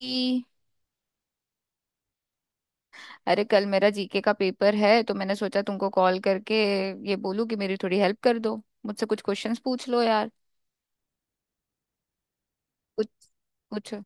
कि अरे कल मेरा जीके का पेपर है तो मैंने सोचा तुमको कॉल करके ये बोलूं कि मेरी थोड़ी हेल्प कर दो। मुझसे कुछ क्वेश्चंस पूछ लो यार। कुछ पूछो।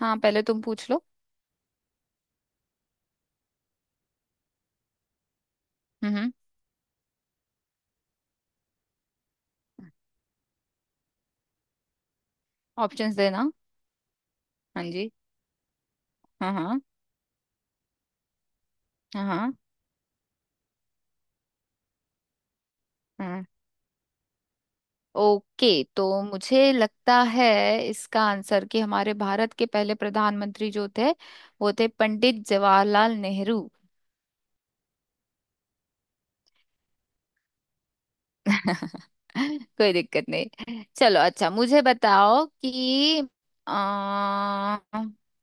हाँ पहले तुम पूछ लो। हम्म। ऑप्शंस देना। हाँ जी। हाँ हाँ। हाँ हाँ। हाँ। ओके, तो मुझे लगता है इसका आंसर कि हमारे भारत के पहले प्रधानमंत्री जो थे वो थे पंडित जवाहरलाल नेहरू। कोई दिक्कत नहीं, चलो अच्छा मुझे बताओ कि आ,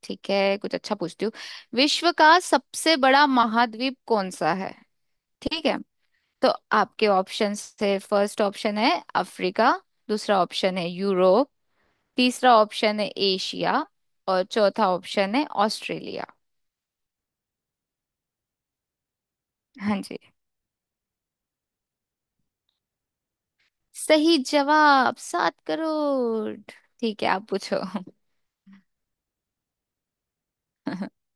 ठीक है, कुछ अच्छा पूछती हूँ। विश्व का सबसे बड़ा महाद्वीप कौन सा है? ठीक है। तो आपके ऑप्शंस है। फर्स्ट ऑप्शन है अफ्रीका। दूसरा ऑप्शन है यूरोप। तीसरा ऑप्शन है एशिया। और चौथा ऑप्शन है ऑस्ट्रेलिया। हाँ जी। सही जवाब। 7 करोड़। ठीक है आप पूछो।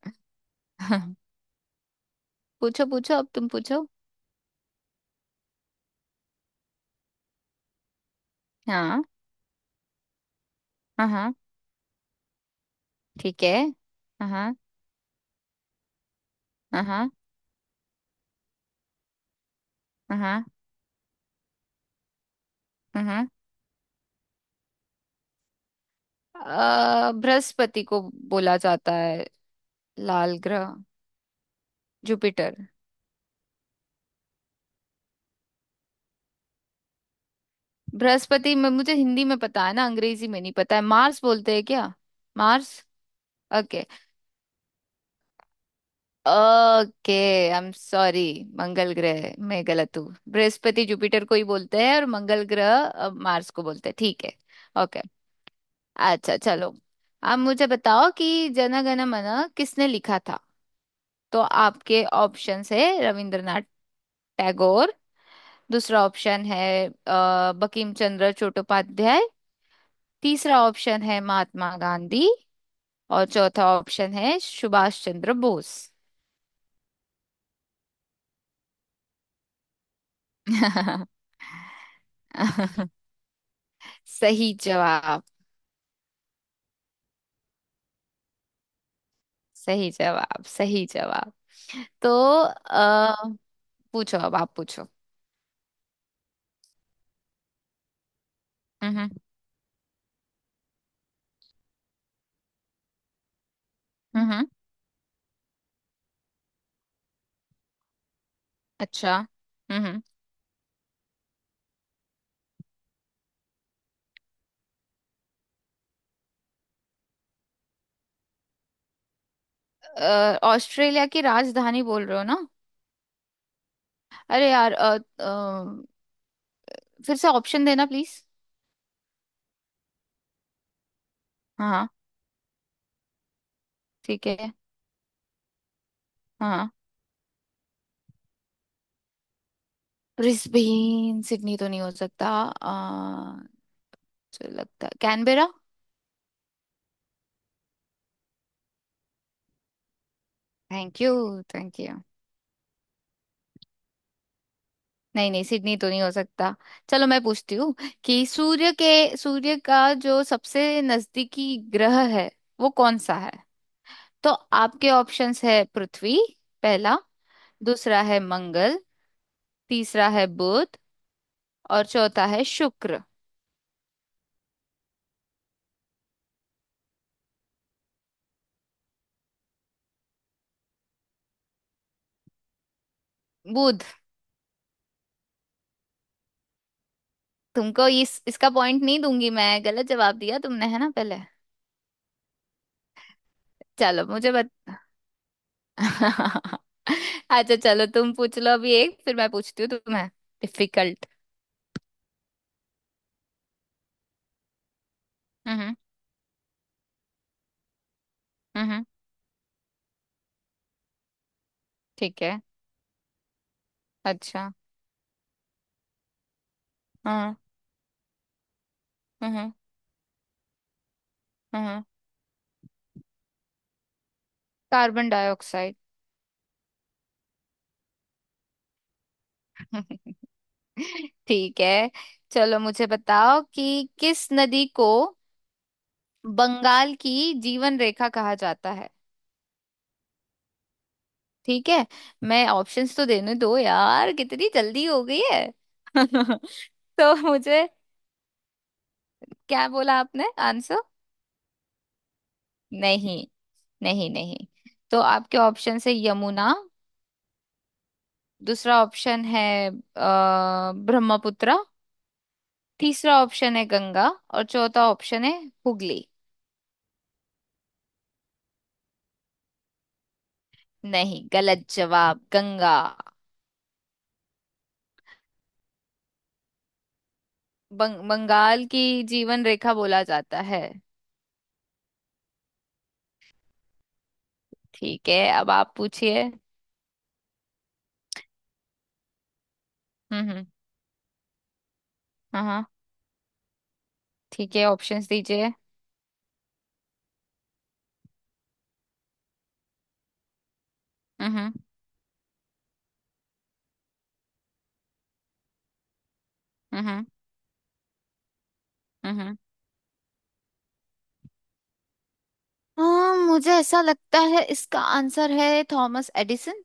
पूछो पूछो, अब तुम पूछो। हाँ हाँ। हाँ, ठीक है। हाँ हाँ। हाँ हाँ। हाँ हाँ। बृहस्पति को बोला जाता है लाल ग्रह। जुपिटर। बृहस्पति में मुझे हिंदी में पता है ना, अंग्रेजी में नहीं पता है। मार्स बोलते हैं क्या? Mars. Okay. Okay. I am sorry. मंगल ग्रह मैं गलत हूँ। बृहस्पति जुपिटर को ही बोलते हैं और मंगल ग्रह मार्स को बोलते हैं, ठीक है। ओके। अच्छा चलो, अब मुझे बताओ कि जन गण मन किसने लिखा था। तो आपके ऑप्शंस है रविंद्रनाथ टैगोर। दूसरा ऑप्शन है बंकिम चंद्र चट्टोपाध्याय। तीसरा ऑप्शन है महात्मा गांधी। और चौथा ऑप्शन है सुभाष चंद्र बोस। सही जवाब। सही जवाब। सही जवाब। तो आ, पूछो, अब आप पूछो। हम्म। हम्म। हम्म। अच्छा। हम्म। हम्म। ऑस्ट्रेलिया की राजधानी बोल रहे हो ना? अरे यार, फिर से ऑप्शन देना प्लीज। हाँ हाँ। ठीक है। हाँ। ब्रिस्बेन सिडनी तो नहीं हो सकता। जो लगता है Canberra. Thank you. Thank you. नहीं नहीं, सिडनी तो नहीं हो सकता। चलो मैं पूछती हूँ कि सूर्य का जो सबसे नजदीकी ग्रह है वो कौन सा है? तो आपके ऑप्शंस है। पृथ्वी पहला। दूसरा है मंगल। तीसरा है बुध। और चौथा है शुक्र। बुध। तुमको इस इसका पॉइंट नहीं दूंगी, मैं। गलत जवाब दिया तुमने है ना पहले। चलो मुझे बत अच्छा चलो तुम पूछ लो अभी एक, फिर मैं पूछती हूँ तुम्हें डिफिकल्ट। हम्म। हम्म। ठीक है। अच्छा। हम्म। हम्म। हम्म। Carbon dioxide. ठीक है, चलो मुझे बताओ कि किस नदी को बंगाल की जीवन रेखा कहा जाता है? ठीक है। मैं ऑप्शंस तो देने दो यार, कितनी जल्दी हो गई है। तो मुझे, क्या बोला आपने आंसर? नहीं। नहीं नहीं। तो आपके ऑप्शन है यमुना। दूसरा ऑप्शन है ब्रह्मपुत्र। तीसरा ऑप्शन है गंगा। और चौथा ऑप्शन है हुगली। नहीं, गलत जवाब। गंगा। बंगाल की जीवन रेखा बोला जाता है। ठीक है, अब आप पूछिए। हम्म। हम्म। हाँ हाँ। ठीक है, ऑप्शंस दीजिए। हम्म। हम्म। हम्म। हाँ मुझे ऐसा लगता है इसका आंसर है थॉमस एडिसन।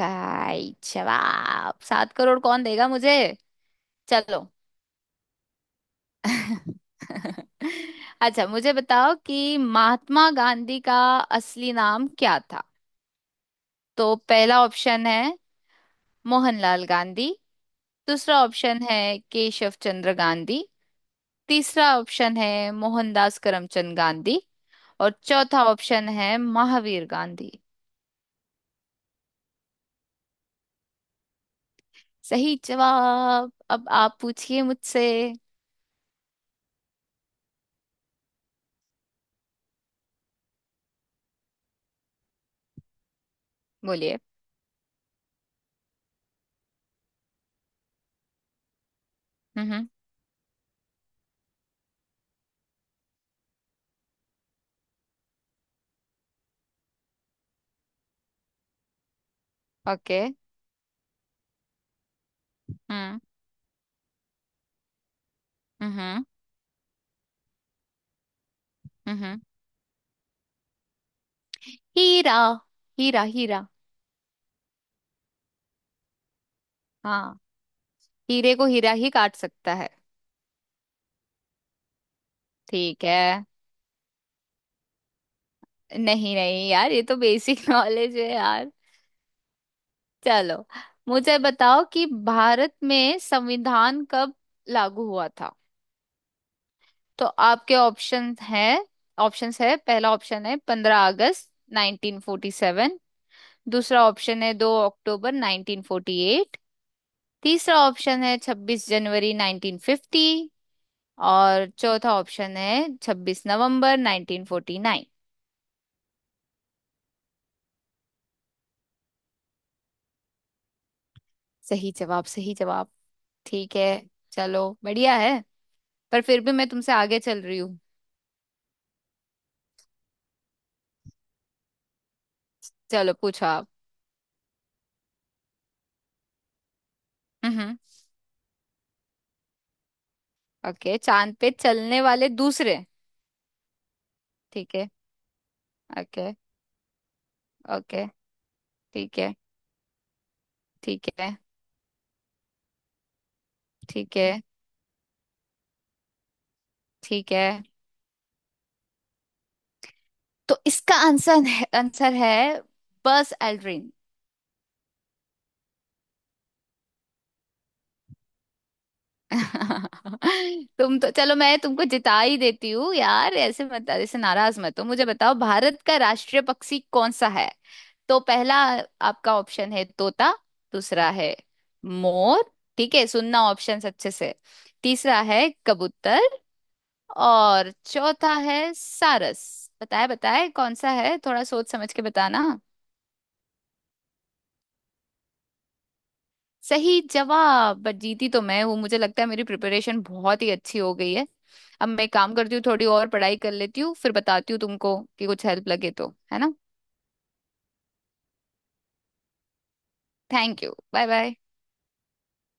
सही जवाब। सात करोड़ कौन देगा मुझे? चलो। अच्छा मुझे बताओ कि महात्मा गांधी का असली नाम क्या था। तो पहला ऑप्शन है मोहनलाल गांधी। दूसरा ऑप्शन है केशव चंद्र गांधी। तीसरा ऑप्शन है मोहनदास करमचंद गांधी। और चौथा ऑप्शन है महावीर गांधी। सही जवाब। अब आप पूछिए मुझसे। बोलिए। हम्म। ओके। हम्म। हम्म। हम्म। हीरा। हीरा हीरा। हाँ, हीरे को हीरा ही काट सकता है। ठीक है। नहीं नहीं यार, ये तो बेसिक नॉलेज है यार। चलो मुझे बताओ कि भारत में संविधान कब लागू हुआ था? तो आपके ऑप्शन है ऑप्शंस है। पहला ऑप्शन है 15 अगस्त 1947। दूसरा ऑप्शन है 2 अक्टूबर 1948। तीसरा ऑप्शन है 26 जनवरी 1950। और चौथा ऑप्शन है 26 नवंबर 1949। सही जवाब। सही जवाब। ठीक है, चलो बढ़िया है। पर फिर भी मैं तुमसे आगे चल रही हूँ। चलो पूछो आप। हम्म। ओके, चांद पे चलने वाले दूसरे। ठीक है। ओके। ओके। ठीक है। ठीक है। ठीक है। ठीक है। तो इसका आंसर है, आंसर है बस एल्ड्रिन। तुम तो चलो, मैं तुमको जिता ही देती हूँ यार। ऐसे मत, ऐसे नाराज मत हो। मुझे बताओ भारत का राष्ट्रीय पक्षी कौन सा है? तो पहला आपका ऑप्शन है तोता। दूसरा है मोर। ठीक है, सुनना ऑप्शंस अच्छे से। तीसरा है कबूतर। और चौथा है सारस। बताए बताए कौन सा है, थोड़ा सोच समझ के बताना। सही जवाब। बट जीती तो मैं हूँ। मुझे लगता है मेरी प्रिपरेशन बहुत ही अच्छी हो गई है। अब मैं एक काम करती हूँ, थोड़ी और पढ़ाई कर लेती हूँ, फिर बताती हूँ तुमको कि कुछ हेल्प लगे तो, है ना? Thank you. Bye bye.